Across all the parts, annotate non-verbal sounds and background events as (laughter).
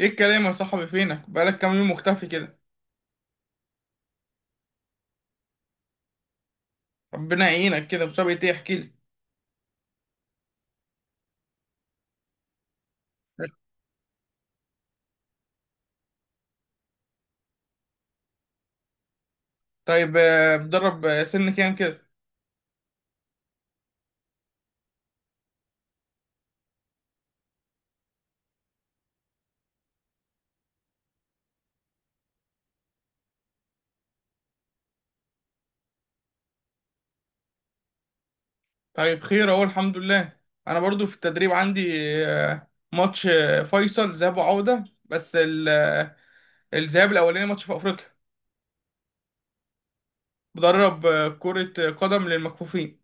ايه الكلام يا صاحبي؟ فينك بقالك كام يوم مختفي كده؟ ربنا يعينك. كده مسابقة ايه؟ احكي لي. طيب، بتدرب سن كام كده؟ طيب خير، اهو الحمد لله. انا برضو في التدريب عندي ماتش فيصل ذهاب وعودة. بس الذهاب الاولاني ماتش في افريقيا. بدرب كرة قدم للمكفوفين.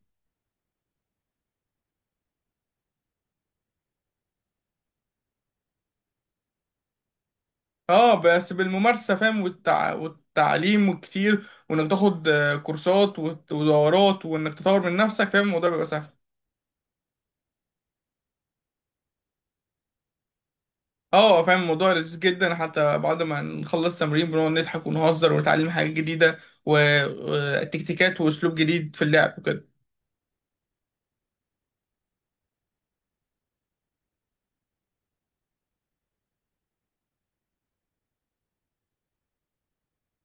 اه، بس بالممارسة، فاهم، والتعليم، وكتير، وانك تاخد كورسات ودورات، وانك تطور من نفسك، فاهم، الموضوع بيبقى سهل. اه، فاهم، الموضوع لذيذ جدا، حتى بعد ما نخلص تمرين بنقعد نضحك ونهزر ونتعلم حاجات جديدة و- وتكتيكات واسلوب جديد في اللعب وكده.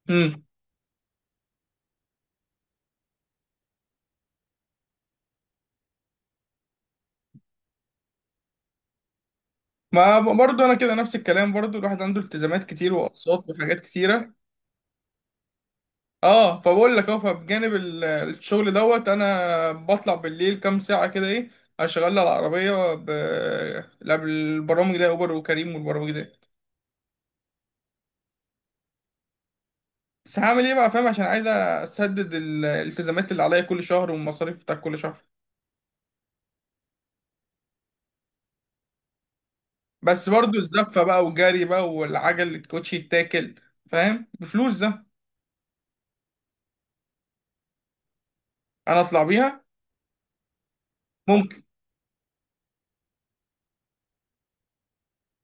امم ما برضه انا كده، نفس الكلام، برضه الواحد عنده التزامات كتير واقساط وحاجات كتيرة. اه، فبقول لك، فبجانب الشغل دوت، انا بطلع بالليل كام ساعة كده، ايه، اشغل على العربية قبل البرامج ده، اوبر وكريم والبرامج ده. بس هعمل ايه بقى، فاهم، عشان عايز اسدد الالتزامات اللي عليا كل شهر والمصاريف بتاع كل شهر. بس برضو الزفة بقى والجري بقى والعجل اللي الكوتشي يتاكل. فاهم، بفلوس ده. انا اطلع بيها؟ ممكن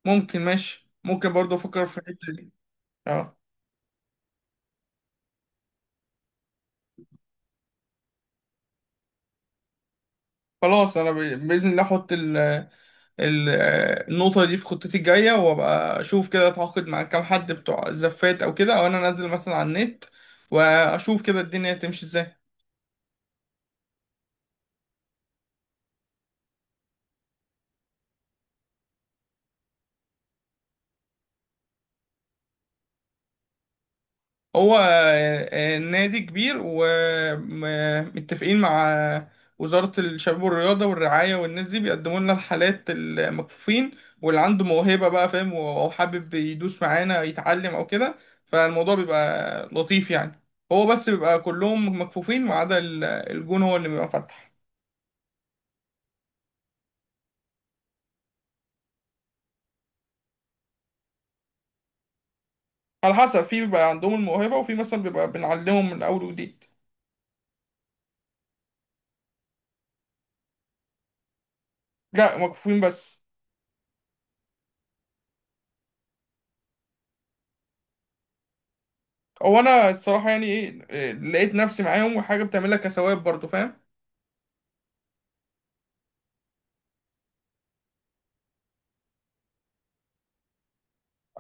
ممكن ماشي، ممكن برضو افكر في الحتة دي. اه، خلاص. انا باذن الله احط ال ال النقطة دي في خطتي الجاية، وابقى اشوف كده، اتعاقد مع كام حد بتوع الزفات او كده، او انا انزل مثلا على النت واشوف كده الدنيا تمشي ازاي. هو نادي كبير ومتفقين مع وزارة الشباب والرياضة والرعاية، والناس دي بيقدموا لنا الحالات المكفوفين. واللي عنده موهبة بقى، فاهم، أو حابب يدوس معانا يتعلم أو كده، فالموضوع بيبقى لطيف يعني. هو بس بيبقى كلهم مكفوفين ما عدا الجون، هو اللي بيبقى فاتح. على حسب، في بيبقى عندهم الموهبة، وفي مثلا بيبقى بنعلمهم من أول وجديد. لا، مكفوفين بس. هو انا الصراحه يعني ايه، لقيت نفسي معاهم، وحاجه بتعملها كثواب برضو، فاهم.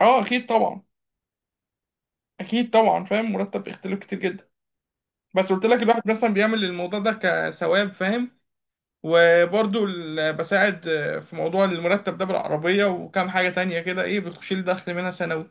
اه، اكيد طبعا. اكيد طبعا، فاهم، مرتب بيختلف كتير جدا. بس قلت لك، الواحد مثلا بيعمل الموضوع ده كثواب، فاهم. وبرضو بساعد في موضوع المرتب ده بالعربية وكام حاجة تانية كده، ايه، بتخش لي دخل منها سنوي.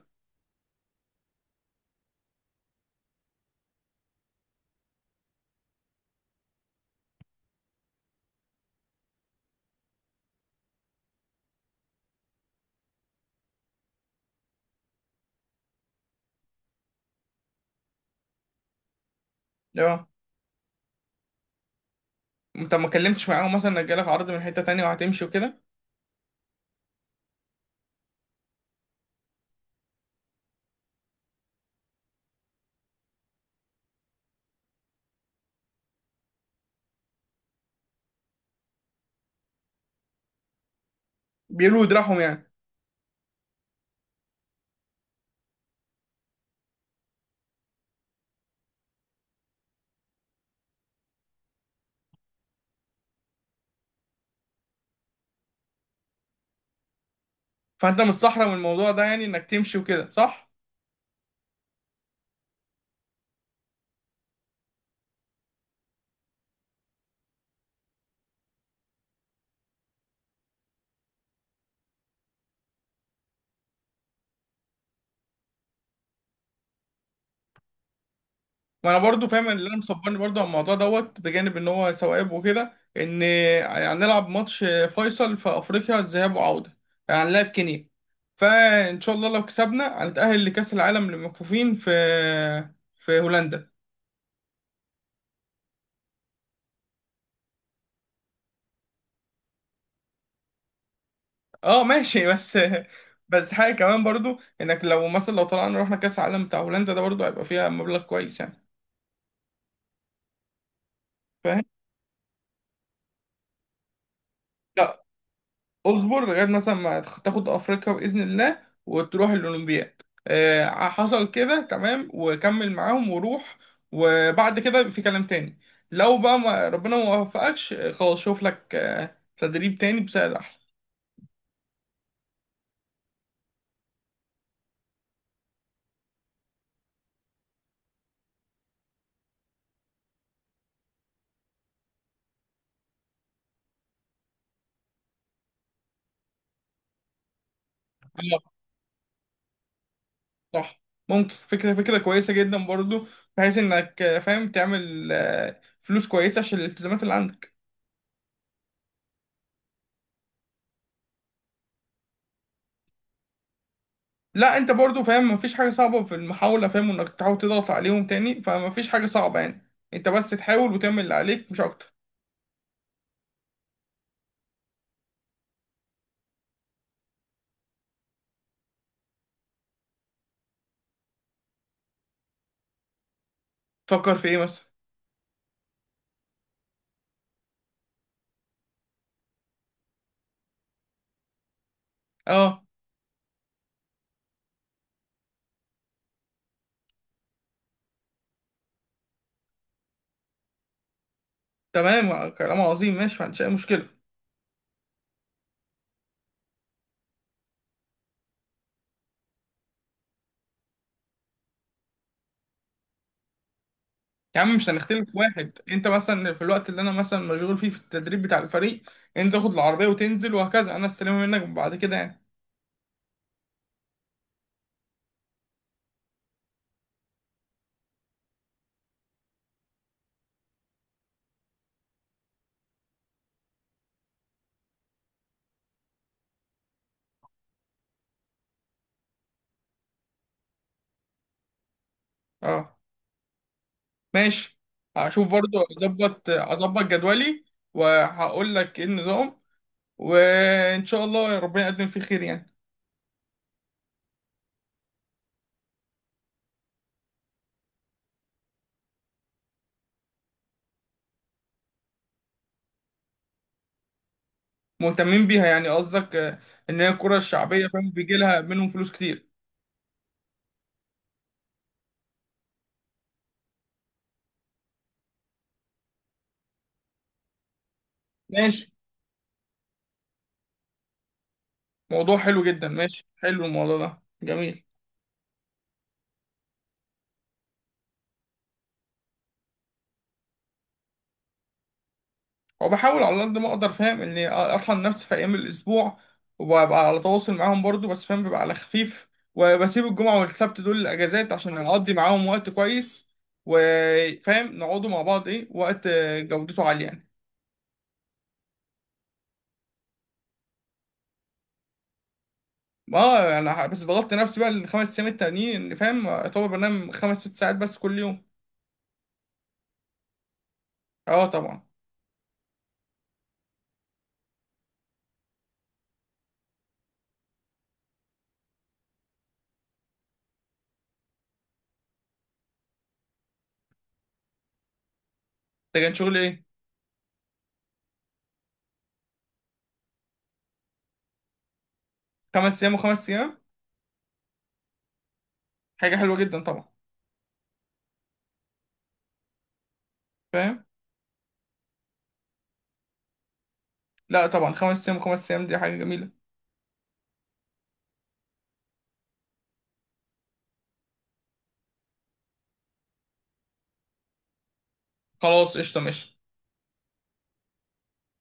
اه، انت ما اتكلمتش معاهم مثلا انك جالك عرض من حتة تانية وهتمشي وكده؟ بيقولوا يدرعهم يعني. فانت مستحرم الموضوع ده يعني انك تمشي وكده، صح؟ وانا برضو فاهم اللي انا مصبرني برضو على الموضوع دوت، بجانب ان هو سواقب وكده، ان هنلعب ماتش فيصل في افريقيا ذهاب وعودة. يعني هنلعب كينيا، فان شاء الله لو كسبنا هنتأهل لكأس العالم للمكفوفين في هولندا. اه ماشي. بس (laughs) بس حاجة كمان برضو، انك لو مثلا لو طلعنا رحنا كأس العالم بتاع هولندا ده، برضو هيبقى فيها مبلغ كويس يعني. فاهم. لا، اصبر لغايه مثلا ما تاخد افريقيا باذن الله وتروح الاولمبياد، حصل كده، تمام، وكمل معاهم وروح. وبعد كده يبقى في كلام تاني. لو بقى ما ربنا ما وفقكش، خلاص، شوف لك تدريب تاني بسعر احلى. آه، صح. ممكن فكره، فكره كويسه جدا برضو. بحيث انك، فاهم، تعمل فلوس كويسه عشان الالتزامات اللي عندك. لا، انت برضو فاهم مفيش حاجة صعبة في المحاولة، فاهم، انك تحاول تضغط عليهم تاني، فمفيش حاجة صعبة يعني. انت بس تحاول وتعمل اللي عليك، مش اكتر. تفكر في ايه مثلا؟ اه، تمام. كلام عظيم، ماشي. ما عنديش اي مشكلة. يا عم، مش هنختلف. واحد، انت مثلا في الوقت اللي انا مثلا مشغول فيه في التدريب بتاع الفريق، انت تاخد العربية وتنزل وهكذا، انا استلمها منك بعد كده يعني. اه ماشي. هشوف برضو، اظبط جدولي، وهقول لك ايه النظام، وان شاء الله ربنا يقدم فيه خير يعني. مهتمين بيها يعني، قصدك ان هي الكرة الشعبية، فاهم، بيجي لها منهم فلوس كتير. ماشي، موضوع حلو جدا. ماشي، حلو الموضوع ده، جميل. وبحاول على قد ما اقدر، فاهم، اني اطحن نفسي في ايام الاسبوع، وببقى على تواصل معاهم برضو، بس فاهم ببقى على خفيف. وبسيب الجمعة والسبت دول الاجازات عشان اقضي معاهم وقت كويس، وفاهم نقعدوا مع بعض، ايه، وقت جودته عالية يعني. اه، انا بس ضغطت نفسي بقى ال5 ايام التانيين، فاهم، اعتبر بنام 5 6 ساعات بس كل يوم. اه، طبعا. ده كان شغل ايه؟ 5 ايام و5 ايام؟ حاجه حلوه جدا طبعا. فاهم. لا طبعا، 5 ايام و5 ايام دي حاجه جميله. خلاص قشطه، ماشي.